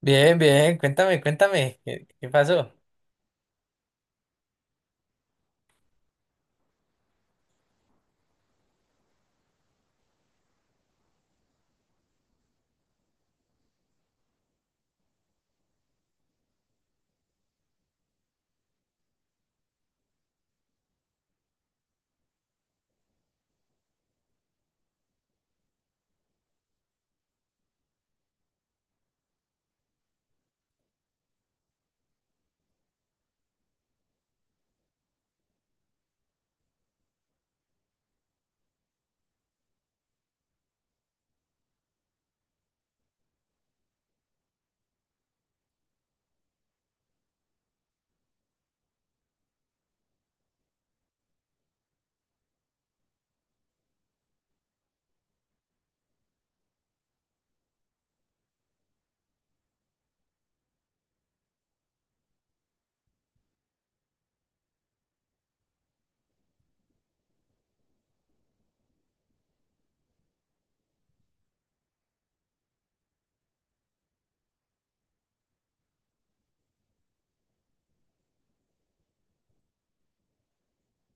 Bien, bien, cuéntame, cuéntame, ¿qué pasó?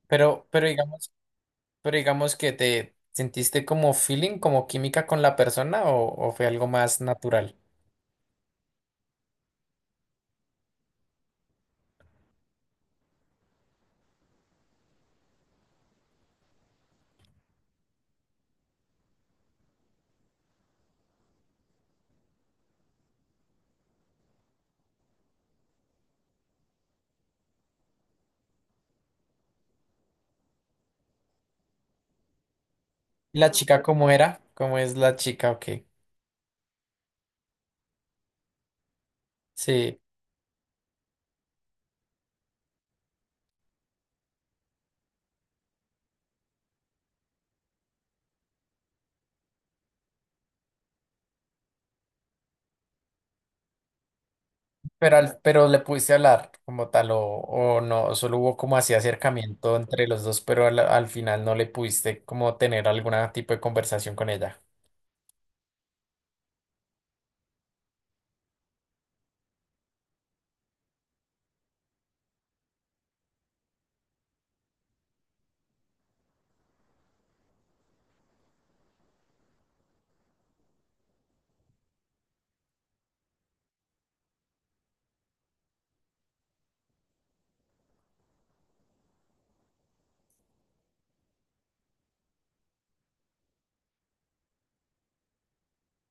Pero digamos, pero digamos que te sentiste como feeling, como química con la persona o fue algo más natural. ¿Y la chica cómo era? ¿Cómo es la chica? Ok. Sí. Pero, pero le pudiste hablar como tal o no, solo hubo como así acercamiento entre los dos, pero al final no le pudiste como tener algún tipo de conversación con ella.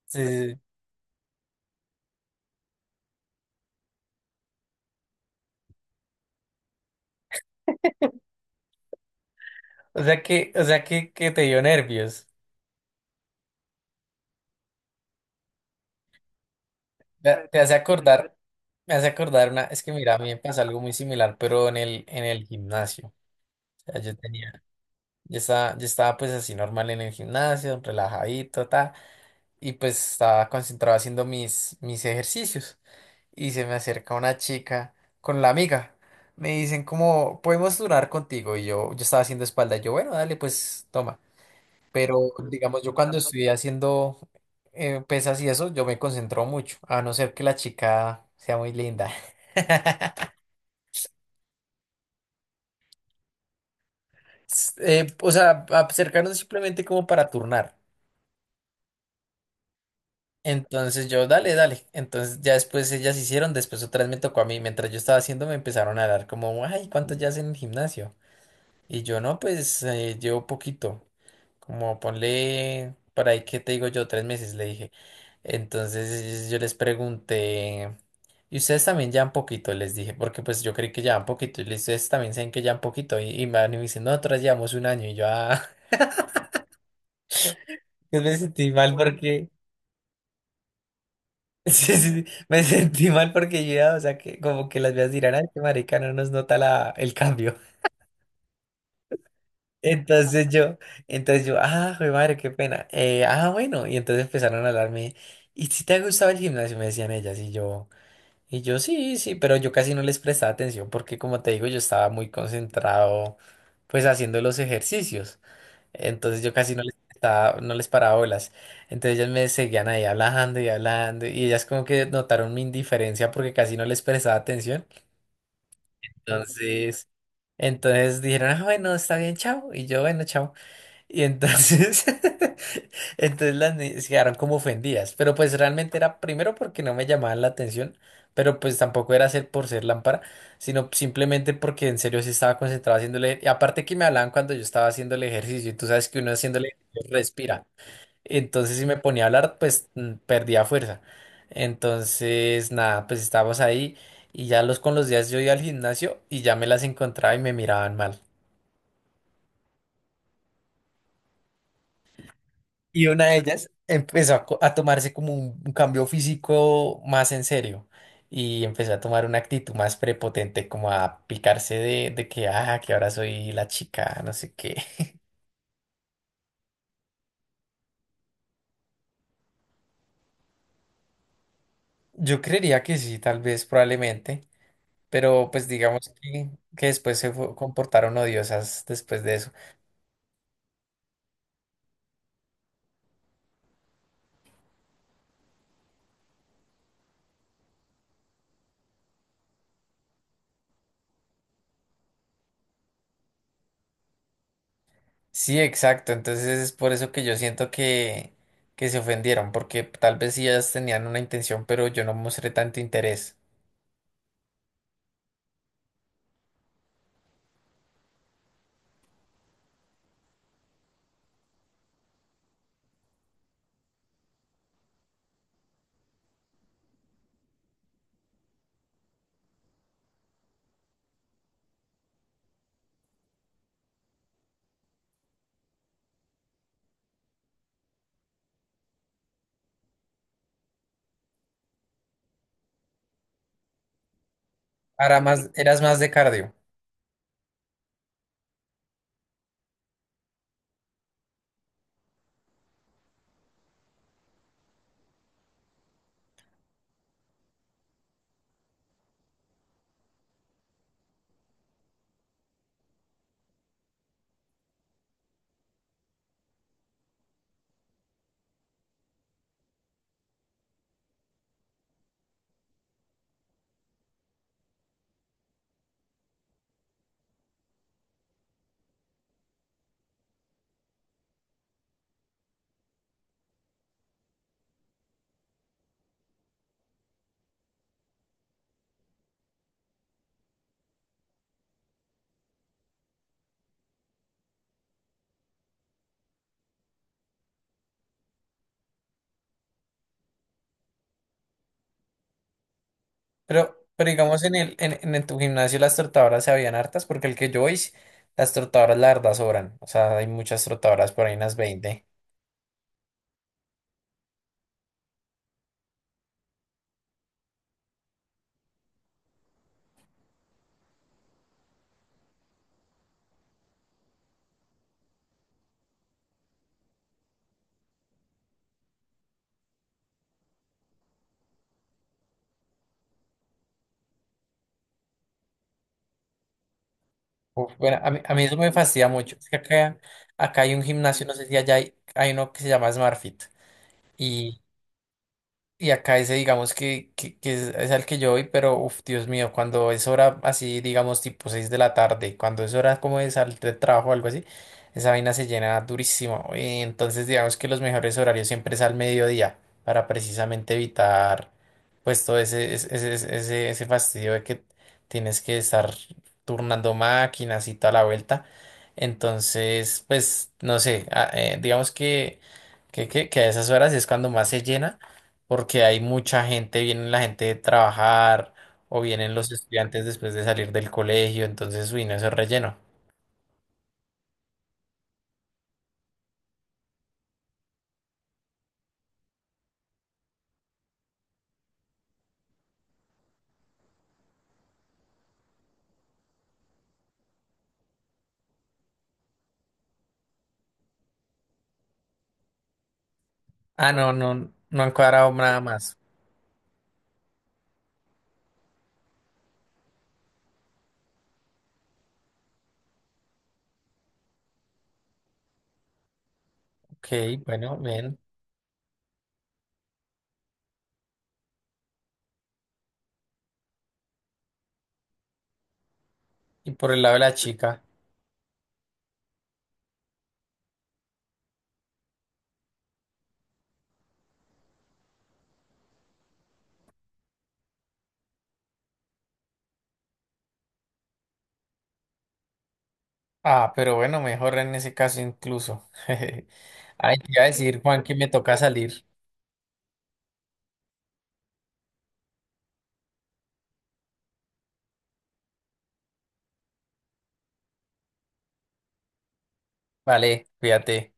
Sí, sí, sí. O sea que te dio nervios. Te hace acordar. Me hace acordar una, es que mira, a mí me pasa algo muy similar, pero en el gimnasio. O sea, yo tenía, yo estaba pues así normal en el gimnasio, relajadito, ta, y pues estaba concentrado haciendo mis ejercicios. Y se me acerca una chica con la amiga. Me dicen como, ¿podemos durar contigo? Y yo estaba haciendo espalda. Y yo, bueno, dale, pues toma. Pero digamos, yo cuando estoy haciendo pesas y eso, yo me concentro mucho, a no ser que la chica sea muy linda. O sea, acercarnos simplemente como para turnar. Entonces yo, dale, dale. Entonces ya después ellas hicieron, después otra vez me tocó a mí. Mientras yo estaba haciendo, me empezaron a dar como, ay, ¿cuánto ya hacen en el gimnasio? Y yo, no, pues llevo poquito. Como ponle, por ahí, ¿qué te digo yo? Tres meses, le dije. Entonces yo les pregunté, ¿y ustedes también llevan poquito? Les dije, porque pues yo creí que llevan poquito. Y les dije, ustedes también saben que llevan poquito. Y me van y me dicen, "No, nosotras llevamos un año". Y yo, ah. Yo me sentí mal porque, sí, sí, sí, me sentí mal porque yo, ya, o sea, que como que las veas dirán, ay, qué marica, no nos nota la, el cambio. Entonces yo, entonces yo, ah, joder, madre, qué pena. Ah, bueno, y entonces empezaron a hablarme, ¿y si te ha gustado el gimnasio? Me decían ellas, y yo, sí, sí, pero yo casi no les prestaba atención porque, como te digo, yo estaba muy concentrado, pues, haciendo los ejercicios. Entonces yo casi no les, no les paraba bolas. Entonces ellas me seguían ahí hablando y hablando y ellas como que notaron mi indiferencia porque casi no les prestaba atención. Entonces, entonces dijeron, ah, bueno, está bien, chao. Y yo, bueno, chao. Y entonces, entonces las niñas quedaron como ofendidas, pero pues realmente era primero porque no me llamaban la atención, pero pues tampoco era ser por ser lámpara, sino simplemente porque en serio sí estaba concentrado haciéndole, y aparte que me hablaban cuando yo estaba haciendo el ejercicio, y tú sabes que uno haciéndole ejercicio respira, entonces si me ponía a hablar, pues perdía fuerza. Entonces, nada, pues estábamos ahí y ya los con los días yo iba al gimnasio y ya me las encontraba y me miraban mal. Y una de ellas empezó a, a tomarse como un cambio físico más en serio y empezó a tomar una actitud más prepotente, como a picarse de que, ah, que ahora soy la chica, no sé qué. Yo creería que sí, tal vez, probablemente, pero pues digamos que después comportaron odiosas después de eso. Sí, exacto, entonces es por eso que yo siento que se ofendieron, porque tal vez sí ellas tenían una intención, pero yo no mostré tanto interés. Ahora más, eras más de cardio. Pero digamos en el, en tu gimnasio las trotadoras se habían hartas, porque el que yo hice, las trotadoras la verdad sobran. O sea, hay muchas trotadoras por ahí, unas 20. Uf, bueno, a mí eso me fastidia mucho. Es que acá, acá hay un gimnasio, no sé si allá hay, hay uno que se llama SmartFit. Y acá ese, digamos, que es al que yo voy, pero, uff, Dios mío, cuando es hora así, digamos, tipo 6 de la tarde, cuando es hora como de salir de trabajo o algo así, esa vaina se llena durísimo. Y entonces, digamos que los mejores horarios siempre es al mediodía, para precisamente evitar, pues, todo ese, ese, ese, ese fastidio de que tienes que estar turnando máquinas y toda la vuelta. Entonces, pues, no sé, ah, digamos que, que a esas horas es cuando más se llena porque hay mucha gente, viene la gente de trabajar o vienen los estudiantes después de salir del colegio, entonces, uy, no, eso es relleno. Ah, no, no, no han cuadrado nada más. Ok, bueno, bien. Y por el lado de la chica. Ah, pero bueno, mejor en ese caso incluso. Ay, te iba a decir, Juan, que me toca salir. Vale, cuídate.